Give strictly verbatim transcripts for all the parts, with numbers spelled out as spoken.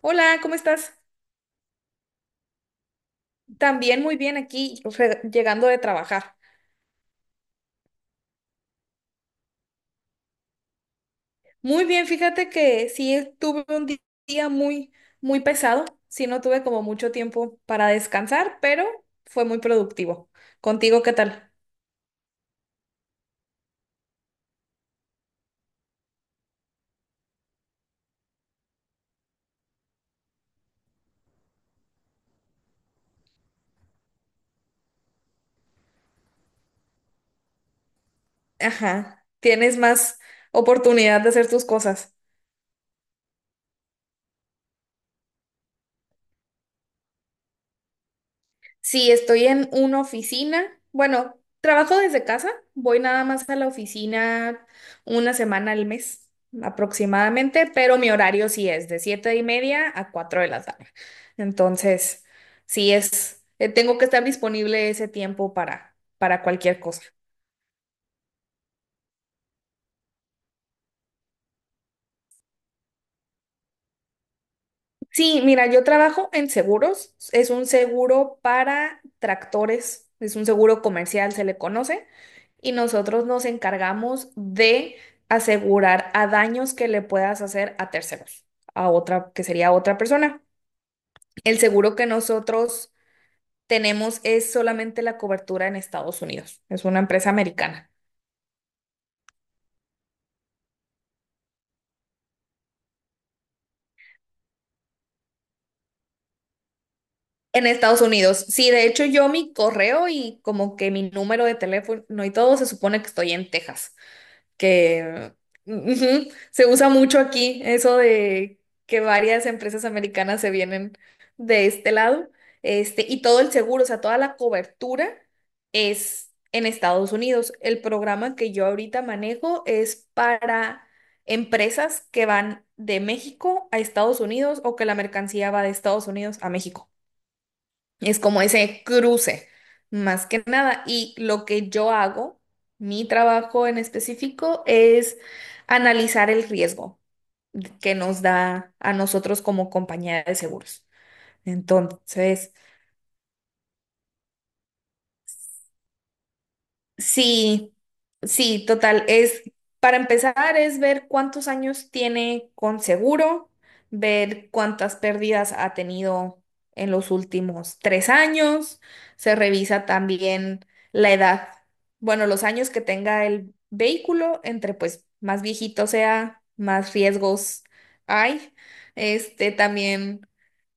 Hola, ¿cómo estás? También muy bien aquí, re- llegando de trabajar. Muy bien, fíjate que sí e, tuve un di- día muy, muy pesado. Sí, no tuve como mucho tiempo para descansar, pero fue muy productivo. ¿Contigo qué tal? Ajá, tienes más oportunidad de hacer tus cosas. Sí, estoy en una oficina. Bueno, trabajo desde casa. Voy nada más a la oficina una semana al mes aproximadamente, pero mi horario sí es de siete y media a cuatro de la tarde. Entonces, sí es, eh, tengo que estar disponible ese tiempo para, para cualquier cosa. Sí, mira, yo trabajo en seguros. Es un seguro para tractores. Es un seguro comercial, se le conoce. Y nosotros nos encargamos de asegurar a daños que le puedas hacer a terceros, a otra, que sería otra persona. El seguro que nosotros tenemos es solamente la cobertura en Estados Unidos. Es una empresa americana. En Estados Unidos. Sí, de hecho yo mi correo y como que mi número de teléfono y todo se supone que estoy en Texas. Que ujú, se usa mucho aquí, eso de que varias empresas americanas se vienen de este lado, este, y todo el seguro, o sea, toda la cobertura es en Estados Unidos. El programa que yo ahorita manejo es para empresas que van de México a Estados Unidos o que la mercancía va de Estados Unidos a México. Es como ese cruce, más que nada. Y lo que yo hago, mi trabajo en específico, es analizar el riesgo que nos da a nosotros como compañía de seguros. Entonces, sí, sí, total. Es, para empezar, es ver cuántos años tiene con seguro, ver cuántas pérdidas ha tenido en los últimos tres años. Se revisa también la edad, bueno, los años que tenga el vehículo, entre pues más viejito sea, más riesgos hay. Este también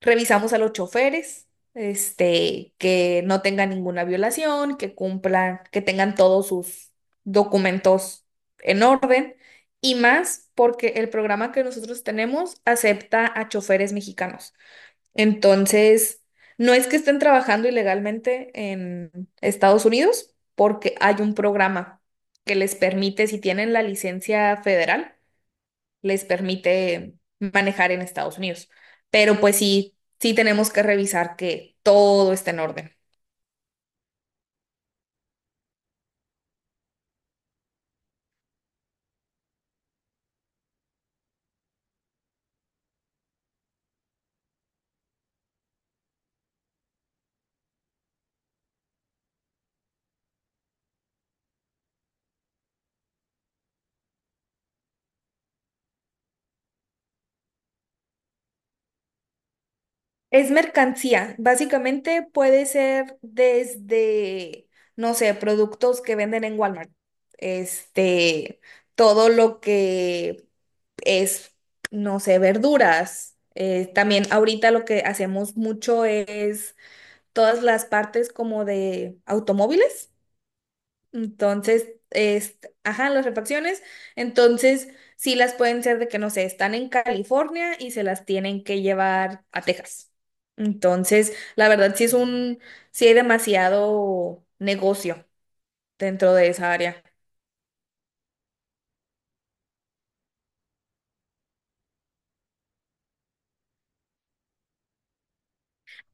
revisamos a los choferes este, que no tengan ninguna violación, que cumplan, que tengan todos sus documentos en orden y más porque el programa que nosotros tenemos acepta a choferes mexicanos. Entonces, no es que estén trabajando ilegalmente en Estados Unidos, porque hay un programa que les permite, si tienen la licencia federal, les permite manejar en Estados Unidos. Pero pues sí, sí tenemos que revisar que todo esté en orden. Es mercancía, básicamente puede ser desde, no sé, productos que venden en Walmart, este, todo lo que es, no sé, verduras. Eh, también ahorita lo que hacemos mucho es todas las partes como de automóviles. Entonces, es, ajá, las refacciones. Entonces, sí las pueden ser de que, no sé, están en California y se las tienen que llevar a Texas. Entonces, la verdad, sí es un, sí hay demasiado negocio dentro de esa área.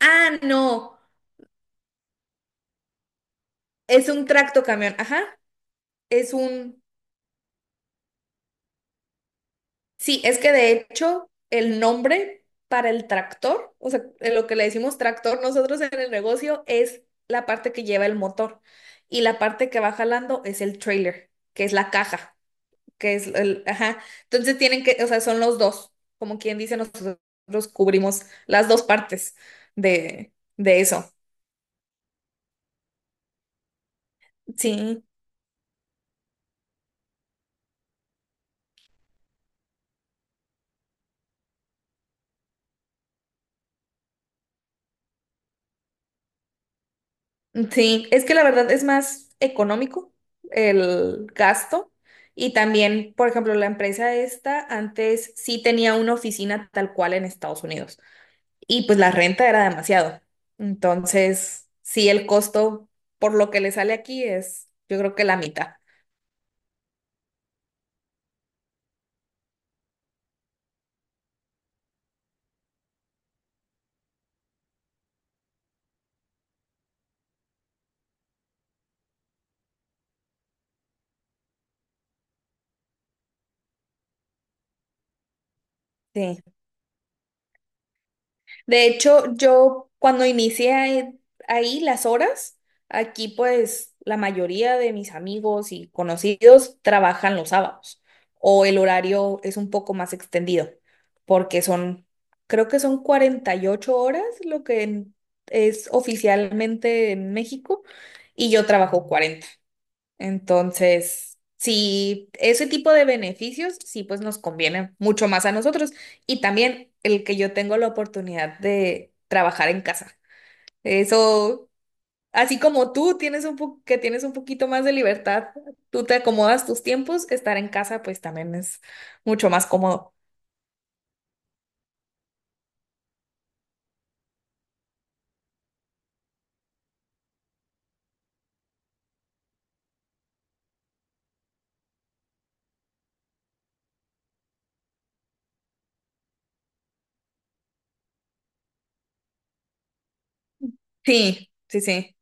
Ah, no, es un tracto camión, ajá, es un... Sí, es que de hecho el nombre para el tractor, o sea, en lo que le decimos tractor nosotros en el negocio es la parte que lleva el motor y la parte que va jalando es el trailer, que es la caja, que es el, ajá. Entonces tienen que, o sea, son los dos, como quien dice, nosotros cubrimos las dos partes de, de eso. Sí. Sí, es que la verdad es más económico el gasto y también, por ejemplo, la empresa esta antes sí tenía una oficina tal cual en Estados Unidos y pues la renta era demasiado. Entonces, sí, el costo por lo que le sale aquí es, yo creo que la mitad. Sí. De hecho, yo cuando inicié ahí ahí las horas, aquí pues la mayoría de mis amigos y conocidos trabajan los sábados o el horario es un poco más extendido porque son, creo que son cuarenta y ocho horas lo que en- es oficialmente en México y yo trabajo cuarenta. Entonces, sí, ese tipo de beneficios, sí, pues nos conviene mucho más a nosotros. Y también el que yo tengo la oportunidad de trabajar en casa. Eso, así como tú tienes un po- que tienes un poquito más de libertad, tú te acomodas tus tiempos, estar en casa, pues también es mucho más cómodo. Sí, sí, sí.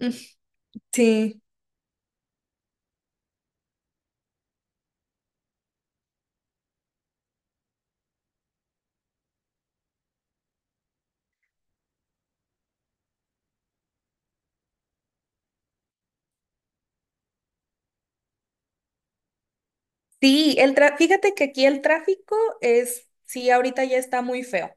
Mm. Sí, sí, el tra- fíjate que aquí el tráfico es, sí, ahorita ya está muy feo,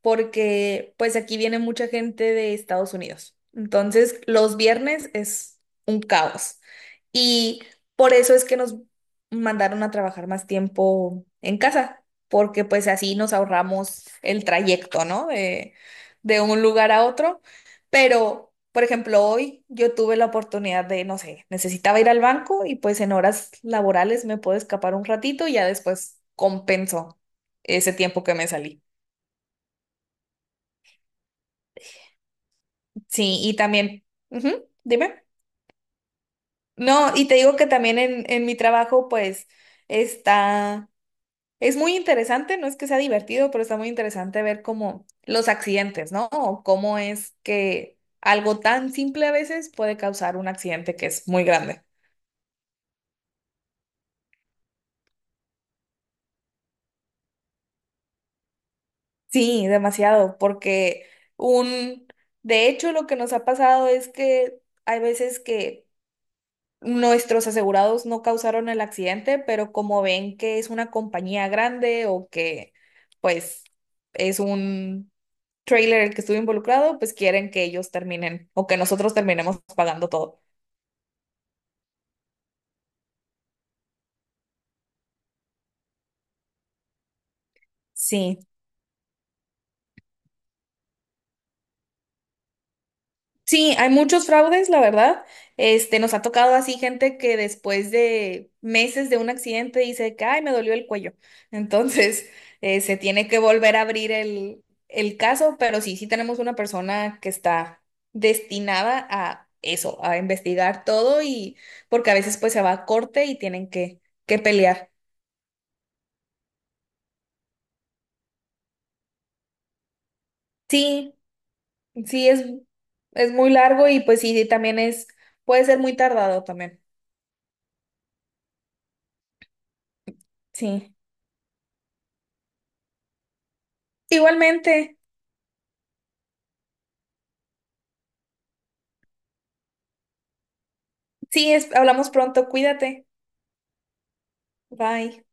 porque pues aquí viene mucha gente de Estados Unidos. Entonces, los viernes es un caos. Y por eso es que nos mandaron a trabajar más tiempo en casa, porque pues así nos ahorramos el trayecto, ¿no? De, de un lugar a otro. Pero, por ejemplo, hoy yo tuve la oportunidad de, no sé, necesitaba ir al banco y pues en horas laborales me puedo escapar un ratito y ya después compenso ese tiempo que me salí. Sí, y también, ujú, dime. No, y te digo que también en, en mi trabajo, pues, está, es muy interesante, no es que sea divertido, pero está muy interesante ver cómo los accidentes, ¿no? O cómo es que algo tan simple a veces puede causar un accidente que es muy grande. Sí, demasiado, porque un, de hecho, lo que nos ha pasado es que hay veces que nuestros asegurados no causaron el accidente, pero como ven que es una compañía grande o que pues es un trailer el que estuvo involucrado, pues quieren que ellos terminen o que nosotros terminemos pagando todo. Sí. Sí, hay muchos fraudes, la verdad. Este, nos ha tocado así gente que después de meses de un accidente dice que, ay, me dolió el cuello. Entonces, eh, se tiene que volver a abrir el, el caso, pero sí, sí tenemos una persona que está destinada a eso, a investigar todo y porque a veces pues se va a corte y tienen que, que pelear. Sí, sí, es, es muy largo y pues sí, también es, puede ser muy tardado también. Sí. Igualmente. Sí, es- hablamos pronto. Cuídate. Bye.